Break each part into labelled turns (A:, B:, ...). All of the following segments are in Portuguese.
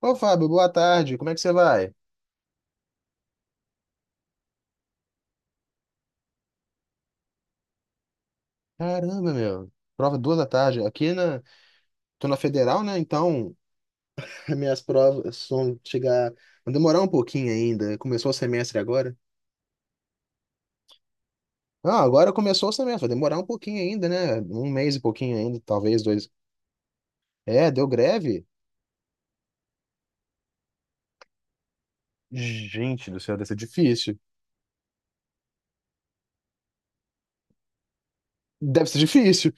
A: Ô, Fábio, boa tarde. Como é que você vai? Caramba, meu. Prova duas da tarde. Aqui na. Tô na Federal, né? Então, minhas provas vão chegar. Vão demorar um pouquinho ainda. Começou o semestre agora. Ah, agora começou o semestre. Vai demorar um pouquinho ainda, né? Um mês e pouquinho ainda, talvez dois. É, deu greve? Gente do céu, deve ser difícil. Deve ser difícil.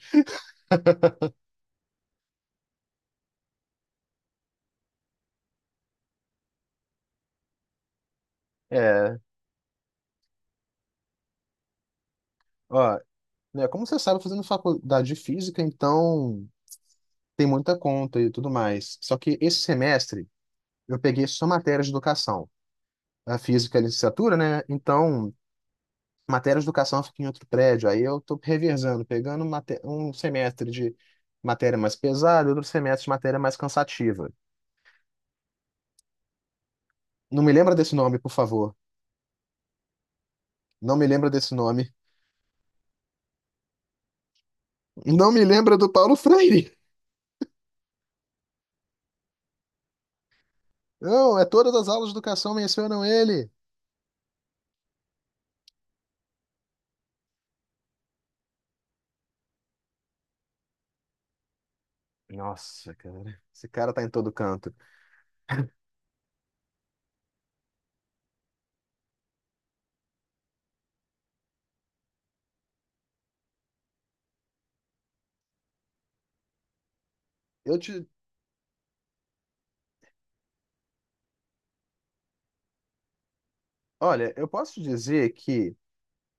A: É, ó, né, como você sabe, eu tô fazendo faculdade de física, então tem muita conta e tudo mais. Só que esse semestre eu peguei só matérias de educação. A física, a licenciatura, né? Então, matérias de educação fica em outro prédio. Aí eu tô revezando, pegando um semestre de matéria mais pesada, outro semestre de matéria mais cansativa. Não me lembra desse nome, por favor. Não me lembra desse nome. Não me lembra do Paulo Freire. Não, é todas as aulas de educação mencionam ele. Nossa, cara, esse cara tá em todo canto. Eu te, olha, eu posso te dizer que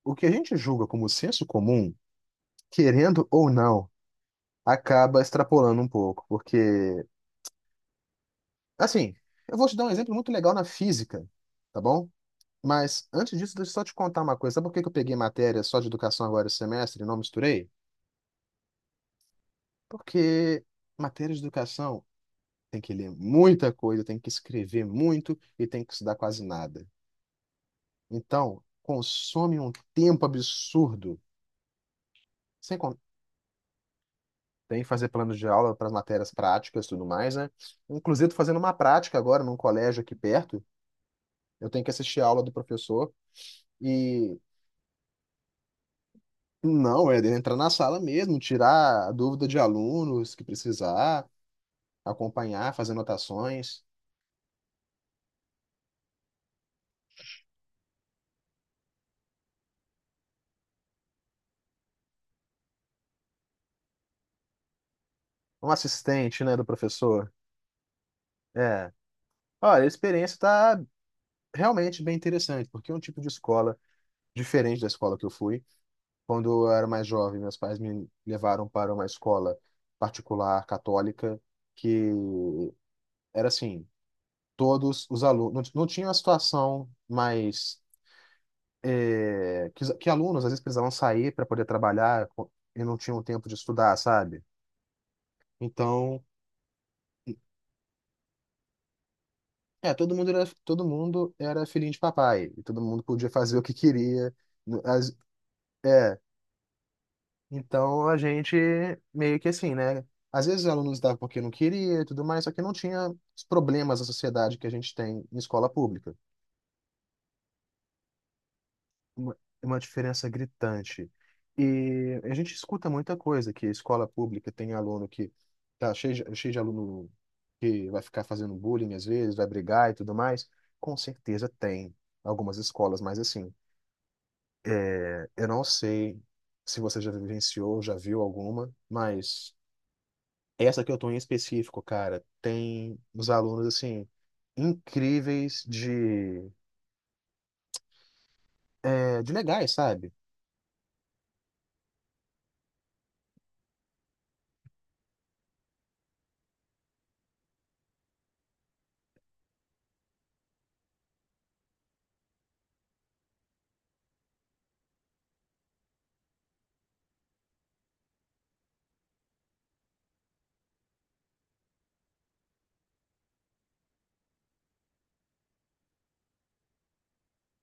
A: o que a gente julga como senso comum, querendo ou não, acaba extrapolando um pouco, porque, assim, eu vou te dar um exemplo muito legal na física, tá bom? Mas antes disso, deixa eu só te contar uma coisa. Sabe por que que eu peguei matéria só de educação agora esse semestre e não misturei? Porque matéria de educação tem que ler muita coisa, tem que escrever muito e tem que estudar quase nada. Então, consome um tempo absurdo. Sem con- Tem que fazer planos de aula para as matérias práticas e tudo mais, né? Inclusive, tô fazendo uma prática agora num colégio aqui perto. Eu tenho que assistir a aula do professor. e Não, é entrar na sala mesmo, tirar a dúvida de alunos que precisar, acompanhar, fazer anotações. Um assistente, né, do professor. É. Olha, a experiência está realmente bem interessante, porque é um tipo de escola diferente da escola que eu fui. Quando eu era mais jovem, meus pais me levaram para uma escola particular católica, que era assim, todos os alunos, não, não tinha uma situação mais que alunos às vezes precisavam sair para poder trabalhar e não tinham tempo de estudar, sabe? Então, todo mundo era filhinho de papai, e todo mundo podia fazer o que queria. No- As, é, então a gente meio que assim, né? Às vezes os alunos davam porque não queria e tudo mais, só que não tinha os problemas da sociedade que a gente tem em escola pública. uma, uma diferença gritante. E a gente escuta muita coisa, que escola pública tem aluno que tá cheio de aluno que vai ficar fazendo bullying às vezes, vai brigar e tudo mais. Com certeza tem algumas escolas, mas assim, eu não sei se você já vivenciou, já viu alguma, mas essa que eu tô em específico, cara, tem uns alunos assim incríveis de legais, sabe?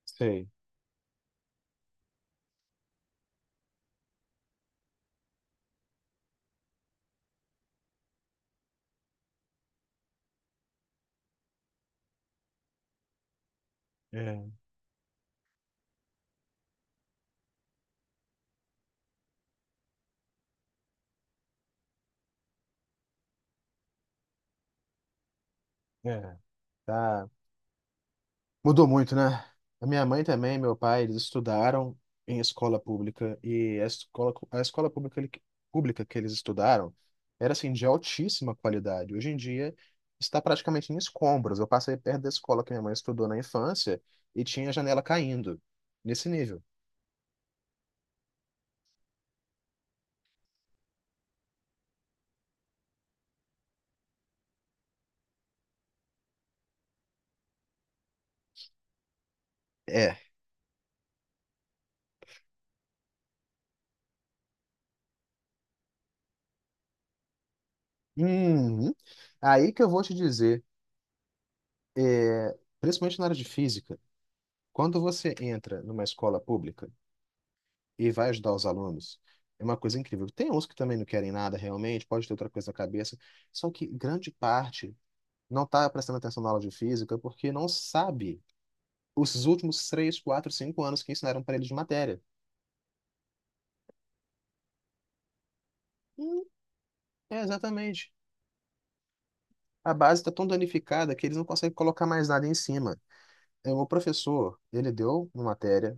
A: Sei. É, é. Tá. Mudou muito, né? A minha mãe também, meu pai, eles estudaram em escola pública e a escola pública, pública que eles estudaram era assim de altíssima qualidade. Hoje em dia está praticamente em escombros. Eu passei perto da escola que minha mãe estudou na infância e tinha a janela caindo nesse nível. É. Uhum. Aí que eu vou te dizer, principalmente na área de física, quando você entra numa escola pública e vai ajudar os alunos. É uma coisa incrível. Tem uns que também não querem nada realmente, pode ter outra coisa na cabeça, só que grande parte não está prestando atenção na aula de física porque não sabe os últimos 3, 4, 5 anos que ensinaram para eles de matéria. Hum, é exatamente. A base está tão danificada que eles não conseguem colocar mais nada em cima. É, o professor, ele deu uma matéria,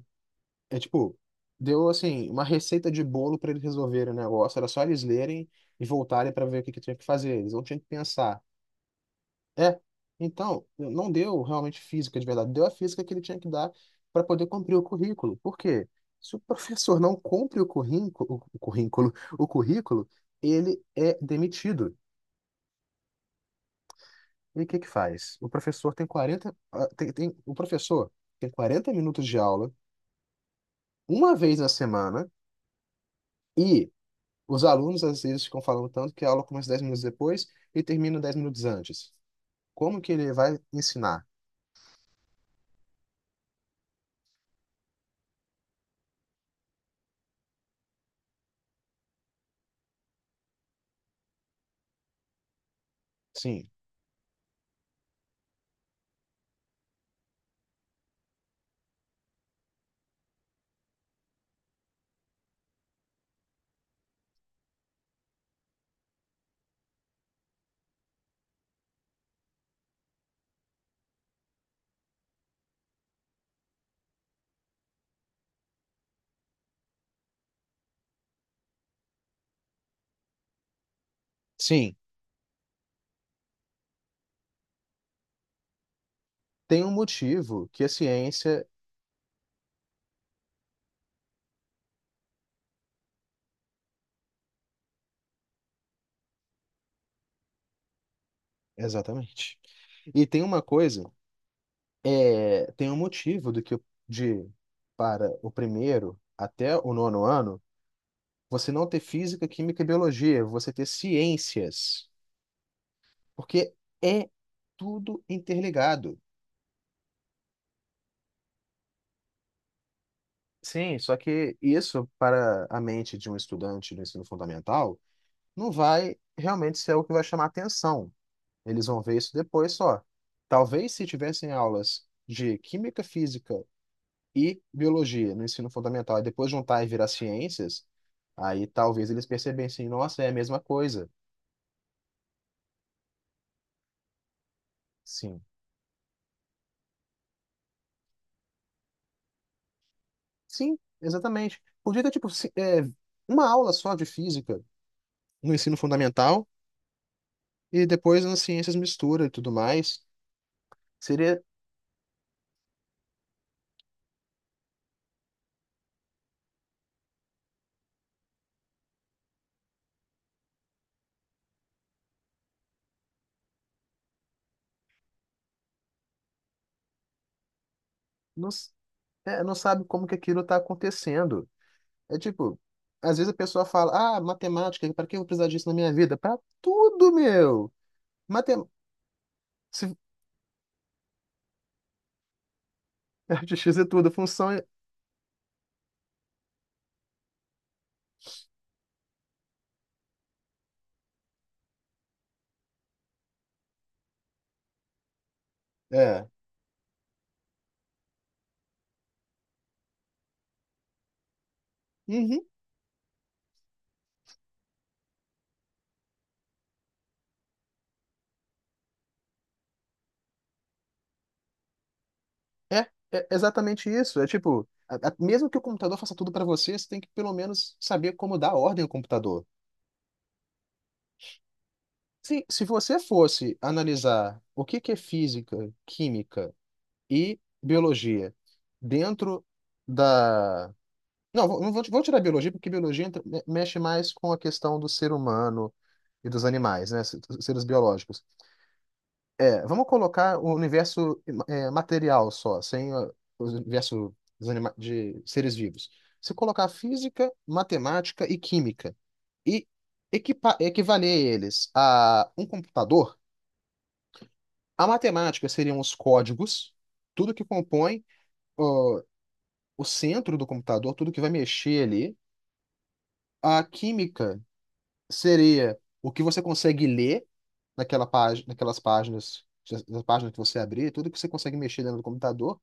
A: é tipo, deu assim, uma receita de bolo para eles resolverem o negócio, era só eles lerem e voltarem para ver o que que tinha que fazer. Eles não tinham que pensar. É, então, não deu realmente física de verdade, deu a física que ele tinha que dar para poder cumprir o currículo. Por quê? Se o professor não cumpre o currículo, o currículo, ele é demitido. E o que que faz? O professor tem 40 ah, tem, tem- o professor tem 40 minutos de aula uma vez na semana e os alunos às vezes ficam falando tanto que a aula começa 10 minutos depois e termina 10 minutos antes. Como que ele vai ensinar? Sim. Sim, tem um motivo que a ciência. Exatamente. E tem uma coisa, tem um motivo do que o- de para o primeiro até o nono ano, você não ter física, química e biologia, você ter ciências, porque é tudo interligado. Sim, só que isso para a mente de um estudante do ensino fundamental não vai realmente ser o que vai chamar atenção. Eles vão ver isso depois só. Talvez se tivessem aulas de química, física e biologia no ensino fundamental e depois juntar e virar ciências, aí talvez eles percebessem, nossa, é a mesma coisa. Sim. Sim, exatamente. Podia ter, tipo, uma aula só de física no ensino fundamental e depois nas ciências mistura e tudo mais. Seria. Não, não sabe como que aquilo está acontecendo. É tipo. Às vezes a pessoa fala, ah, matemática, para que eu vou precisar disso na minha vida? Para tudo, meu! Matemática. X é tudo, função é. É. Uhum. É, é exatamente isso. É tipo, mesmo que o computador faça tudo para você, você tem que pelo menos saber como dar ordem ao computador. Se você fosse analisar o que que é física, química e biologia dentro da. Não, vou tirar a biologia, porque biologia mexe mais com a questão do ser humano e dos animais, né? Dos seres biológicos. É, vamos colocar o universo material só, sem a- o universo de seres vivos. Se colocar física, matemática e química e equivaler eles a um computador, a matemática seriam os códigos, tudo que compõe, ó, o centro do computador, tudo que vai mexer ali. A química seria o que você consegue ler naquela página, naquelas páginas, na página que você abrir, tudo que você consegue mexer dentro do computador.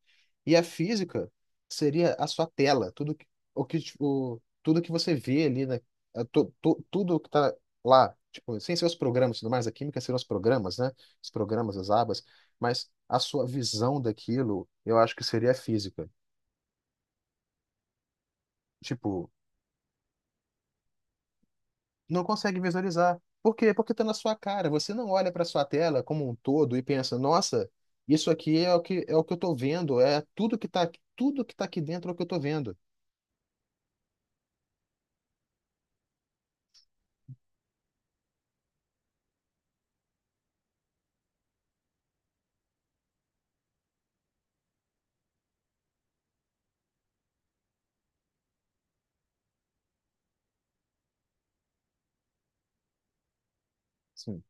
A: E a física seria a sua tela, tudo que, o, tudo que você vê ali, né? É, tudo que está lá, tipo, sem ser os programas e tudo mais, a química seriam os programas, né? Os programas, as abas, mas a sua visão daquilo, eu acho que seria a física. Tipo, não consegue visualizar. Por quê? Porque está na sua cara. Você não olha para sua tela como um todo e pensa, nossa, isso aqui é o que eu estou vendo, é tudo que tá aqui dentro é o que eu estou vendo. Sim.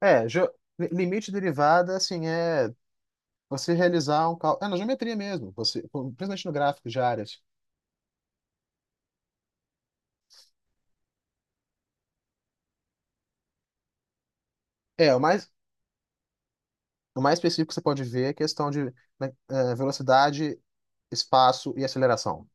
A: É, ge- limite derivada, assim, é você realizar um cálculo. É na geometria mesmo, você, principalmente no gráfico de áreas. É, o mais específico que você pode ver é a questão de né, velocidade, espaço e aceleração.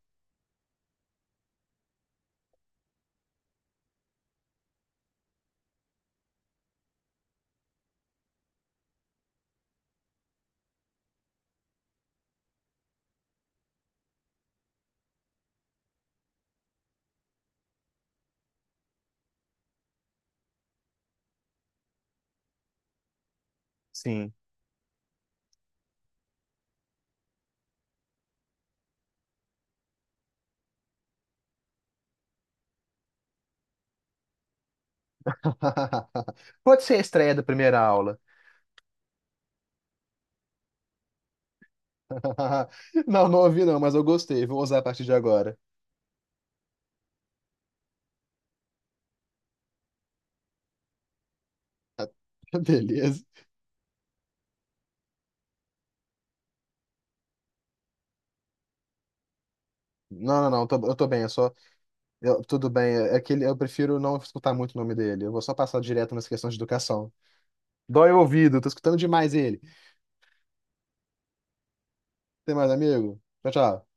A: Sim. Pode ser a estreia da primeira aula. Não, não ouvi não, mas eu gostei. Vou usar a partir de agora. Beleza. Não, não, não, eu tô bem, eu só. Tudo bem, eu prefiro não escutar muito o nome dele. Eu vou só passar direto nas questões de educação. Dói o ouvido, tô escutando demais ele. Tem mais, amigo? Tchau, tchau.